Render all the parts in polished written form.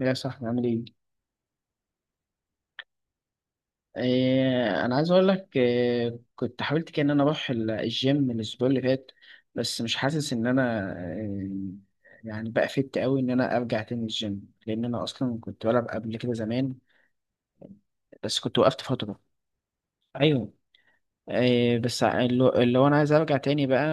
يا صاحبي عامل ايه؟ إيه انا عايز اقول لك إيه كنت حاولت كده ان انا اروح الجيم الاسبوع اللي فات، بس مش حاسس ان انا إيه، يعني بقى فت قوي ان انا ارجع تاني الجيم، لان انا اصلا كنت بلعب قبل كده زمان بس كنت وقفت فترة. ايوه. إيه بس اللي هو انا عايز ارجع تاني بقى،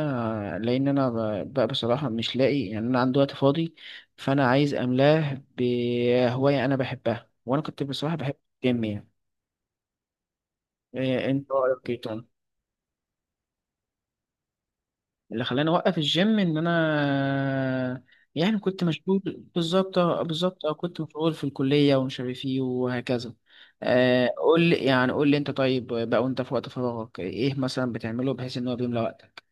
لان انا بقى بصراحة مش لاقي، يعني انا عندي وقت فاضي، فانا عايز املاه بهواية انا بحبها، وانا كنت بصراحة بحب الجيم يعني. إيه انت رأيك إيه؟ طيب؟ اللي خلاني اوقف الجيم ان انا يعني كنت مشغول. بالظبط آه، بالظبط اه كنت مشغول في الكليه ومش عارف ايه وهكذا. آه، قول لي يعني قول لي انت طيب بقى، وانت في وقت فراغك ايه مثلا بتعمله بحيث ان هو بيملى وقتك.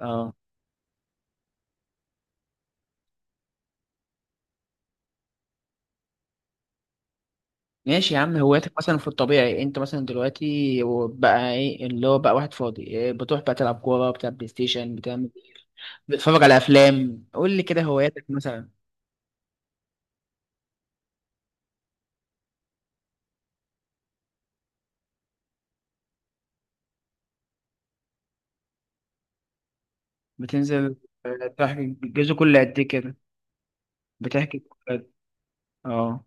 اه، ماشي يا عم. هواياتك مثلا في الطبيعي، انت مثلا دلوقتي بقى ايه اللي هو بقى واحد فاضي إيه، بتروح بقى تلعب كوره، بتلعب بلاي ستيشن، بتعمل إيه؟ بتتفرج على افلام؟ قول لي كده هواياتك مثلا. بتنزل. آه، تحكي الجزء كل قد ايه كده؟ بتحكي. اه.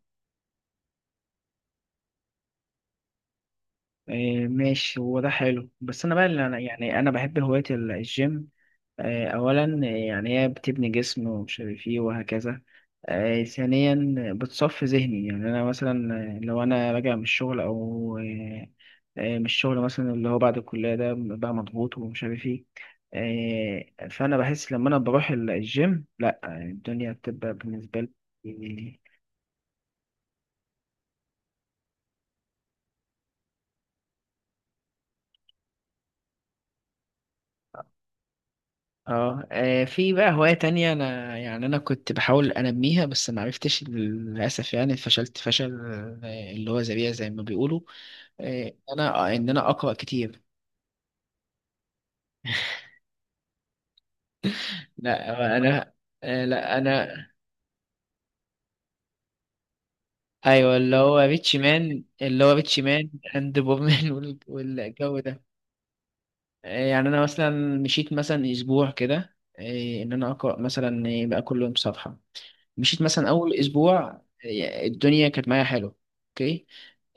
إيه ماشي، هو ده حلو، بس انا بقى اللي انا يعني انا بحب هواية الجيم. اولا، يعني هي بتبني جسم ومش عارف ايه وهكذا. ثانيا بتصفي ذهني، يعني انا مثلا لو انا راجع من الشغل او من الشغل مثلا اللي هو بعد الكلية، ده بقى مضغوط ومش عارف ايه. فانا بحس لما انا بروح الجيم لا الدنيا بتبقى بالنسبة لي يعني. اه. في بقى هواية تانية انا يعني انا كنت بحاول انميها، بس ما عرفتش للاسف، يعني فشلت فشل اللي هو ذريع زي ما بيقولوا. انا ان انا اقرا كتير. لا انا لا انا. ايوه اللي هو ريتش مان، اللي هو ريتش مان اند بورمان. والجو ده. يعني انا مثلا مشيت مثلا اسبوع كده، إيه، ان انا اقرا مثلا إيه، بقى كل يوم صفحه. مشيت مثلا اول اسبوع، إيه، الدنيا كانت معايا حلو. اوكي.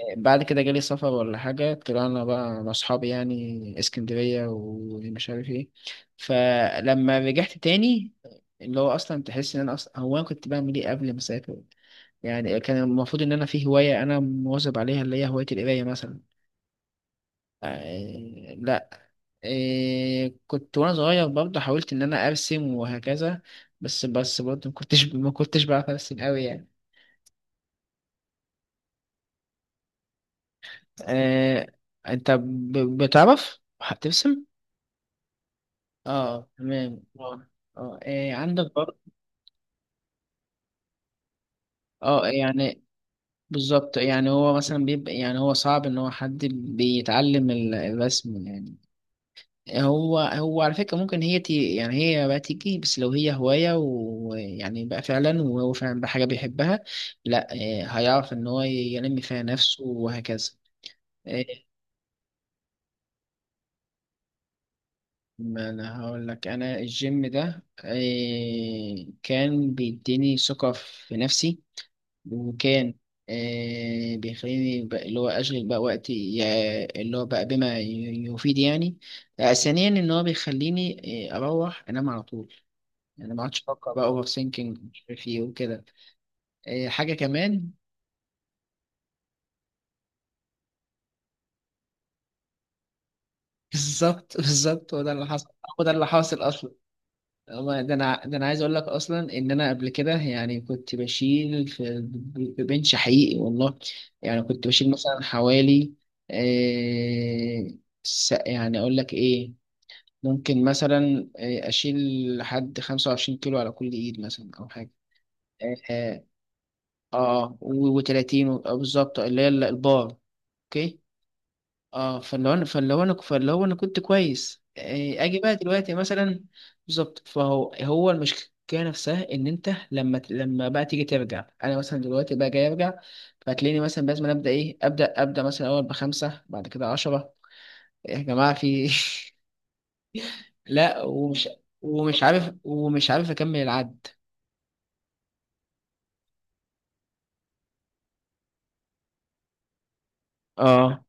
إيه، بعد كده جالي سفر ولا حاجه، طلعنا بقى مع اصحابي يعني اسكندريه ومش عارف ايه. فلما رجعت تاني، اللي هو اصلا تحس ان انا اصلا هو انا كنت بعمل ايه قبل ما اسافر، يعني كان المفروض ان انا في هوايه انا مواظب عليها، اللي هي هوايه القرايه مثلا. لا. إيه كنت وانا صغير برضه حاولت ان انا ارسم وهكذا، بس برضه ما كنتش بعرف ارسم قوي يعني. إيه انت بتعرف هترسم. اه تمام اه. اه إيه عندك برضه. اه يعني بالظبط، يعني هو مثلا بيبقى، يعني هو صعب ان هو حد بيتعلم الرسم يعني. هو على فكرة ممكن هي تي، يعني هي بقى تيجي، بس لو هي هواية ويعني بقى فعلا وهو فعلا بحاجة بيحبها، لا هيعرف إن هو ينمي فيها نفسه وهكذا. آه. ما أنا هقول لك أنا الجيم ده كان بيديني ثقة في نفسي، وكان بيخليني بقى اللي هو أشغل بقى وقتي اللي هو بقى بما يفيد يعني. ثانيا إن هو بيخليني أروح أنام على طول، يعني ما عادش افكر بقى اوفر ثينكينج، مش عارف ايه وكده. إيه حاجه كمان. بالظبط هو ده اللي حصل. هو ده اللي حاصل اصلا. هو ده انا، ده انا عايز اقول لك اصلا ان انا قبل كده يعني كنت بشيل في بنش حقيقي والله. يعني كنت بشيل مثلا حوالي، إيه، يعني اقول لك ايه، ممكن مثلا إيه، اشيل لحد 25 كيلو على كل ايد مثلا او حاجه. اه، آه و30، بالظبط اللي هي البار. اوكي. اه، فاللي هو انا فاللي هو انا فاللي هو انا كنت كويس، إيه، اجي بقى دلوقتي مثلا. بالظبط، فهو هو المشكله نفسها ان انت لما لما بقى تيجي ترجع. انا مثلا دلوقتي بقى جاي ارجع، فتلاقيني مثلا لازم ابدا، ايه ابدا ابدا مثلا اول بخمسه بعد كده عشرة. يا جماعه في. لا، ومش عارف اكمل العد. اه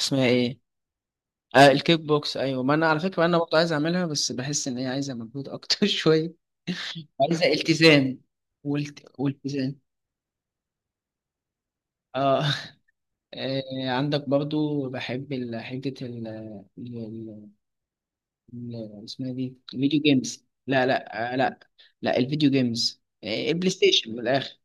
اسمها ايه. آه، الكيك بوكس. ايوه ما انا على فكره انا برضه عايز اعملها، بس بحس ان هي عايزه مجهود اكتر شويه. عايزه التزام، والتزام. اه. عندك برضو بحب حتة ال- اسمها دي الفيديو جيمز، لا الفيديو جيمز، البلاي ستيشن من الآخر.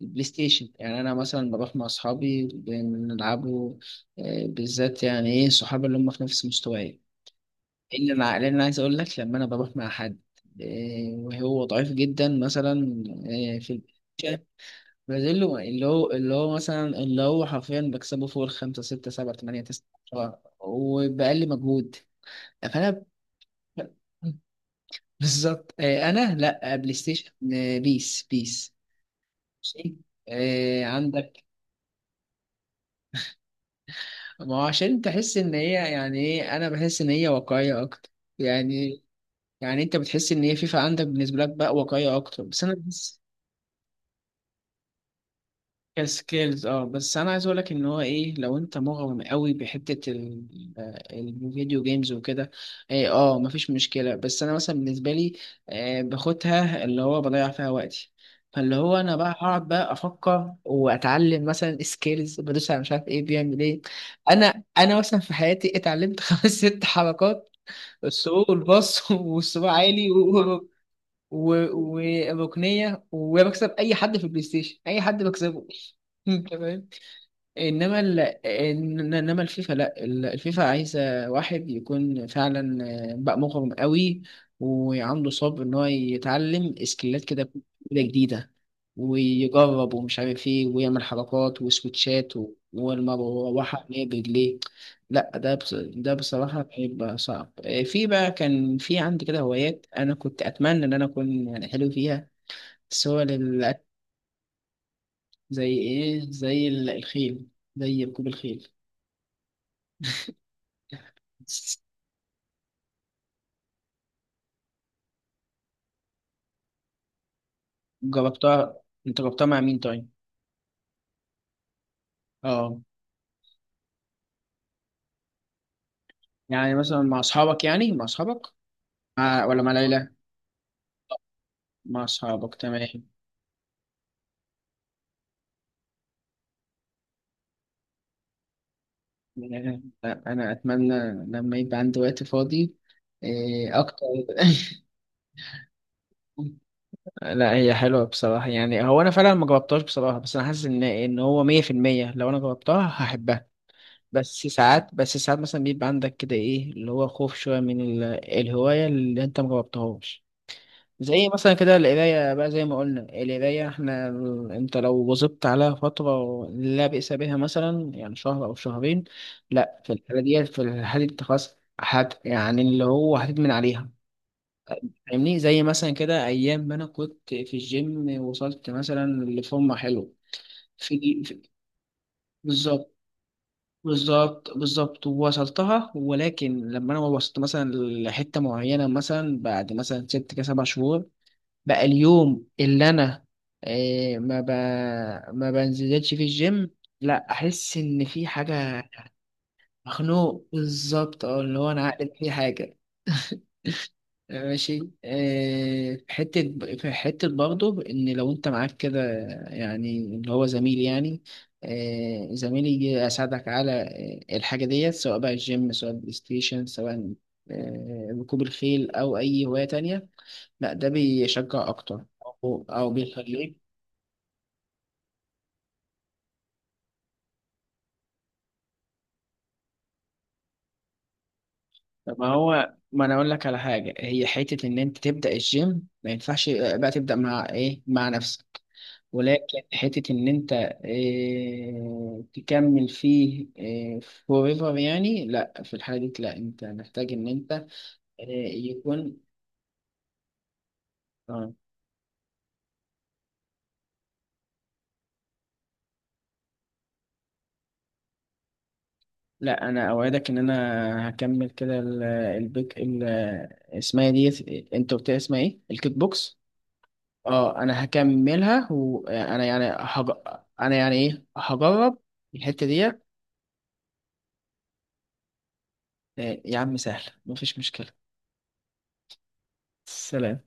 البلاي ستيشن، يعني أنا مثلا بروح مع أصحابي بنلعبوا بالذات، يعني إيه صحابي اللي هم في نفس مستواي، اللي أنا لأن أنا عايز أقول لك لما أنا بروح مع حد وهو ضعيف جدا مثلا برازيلو، اللي هو حرفيا بكسبه فوق الخمسة ستة سبعة تمانية تسعة عشرة وبأقل مجهود. فأنا. بالظبط أنا لأ بلاي ستيشن بيس. ماشي؟ آه، عندك. ما هو عشان تحس إن هي، يعني إيه، أنا بحس إن هي واقعية أكتر، يعني، يعني أنت بتحس إن هي فيفا عندك بالنسبة لك بقى واقعية أكتر، بس أنا بحس. كسكيلز اه. بس انا عايز اقولك ان هو ايه، لو انت مغرم قوي بحته الفيديو جيمز وكده، ايه اه مفيش مشكله. بس انا مثلا بالنسبه لي باخدها اللي هو بضيع فيها وقتي، فاللي هو انا بقى هقعد بقى افكر، واتعلم مثلا سكيلز، بدوس على مش عارف ايه، بيعمل ايه. انا مثلا في حياتي اتعلمت خمس ست حركات: السوق، والباص، والصباع عالي، و- وركنيه، وبكسب اي حد في البلاي ستيشن، اي حد بكسبه. تمام. انما ال... انما الفيفا، لا الفيفا عايزه واحد يكون فعلا بقى مغرم قوي، وعنده صبر ان هو يتعلم سكيلات كده كده جديده، ويجرب ومش عارف ايه، ويعمل حركات وسويتشات والمروحه اللي هي برجليه. لا ده بصراحه بيبقى صعب. في بقى، كان في عندي كده هوايات انا كنت اتمنى ان انا اكون يعني حلو فيها، بس هو. زي ايه؟ زي الخيل، زي ركوب الخيل. جربتها. انت جربتها مع مين طيب؟ اه يعني مثلا مع اصحابك يعني مع اصحابك؟ مع... ولا مع ليلى؟ مع اصحابك تمام. لا، انا اتمنى لما يبقى عندي وقت فاضي إيه، اكتر. لا هي حلوه بصراحه، يعني هو انا فعلا ما جربتهاش بصراحه، بس انا حاسس ان هو 100% لو انا جربتها هحبها. بس ساعات مثلا بيبقى عندك كده ايه اللي هو خوف شويه من الهوايه اللي انت ما جربتهاش. زي مثلا كده القراية بقى، زي ما قلنا القراية، احنا انت لو واظبت عليها فترة لا بأس بها مثلا، يعني شهر أو شهرين، لا في الحالة دي، انت خلاص هت، يعني اللي هو هتدمن عليها. فاهمني؟ زي مثلا كده أيام ما أنا كنت في الجيم، وصلت مثلا لفورمة حلوة في دي في، بالظبط بالظبط وصلتها، ولكن لما أنا وصلت مثلا لحتة معينة، مثلا بعد مثلا ست كده سبع شهور، بقى اليوم اللي انا آه، ما ب... ما بنزلش فيه الجيم، لا احس ان في حاجه. مخنوق بالظبط، اه اللي هو انا عقلت في حاجه. ماشي. آه، في حتة، برضه إن لو أنت معاك كده يعني اللي هو زميل، يعني زميل يجي يساعدك على الحاجة ديت، سواء بقى الجيم، سواء البلاي ستيشن، سواء ركوب الخيل، أو أي هواية تانية، لا ده بيشجع اكتر. او بيخليك. طب ما هو ما انا اقول لك على حاجه، هي حته ان انت تبدا الجيم، ما ينفعش بقى تبدا مع ايه، مع نفسك. ولكن حته ان انت إيه تكمل فيه إيه forever، يعني لا في الحاله دي لا، انت محتاج ان انت إيه يكون. اه. لا انا اوعدك ان انا هكمل كده اسمها دي، انت قلت لي اسمها ايه؟ الكيك بوكس. اه انا هكملها، وانا يعني انا يعني ايه هجرب الحتة ديت. آه، يا عم سهل مفيش مشكلة. سلام.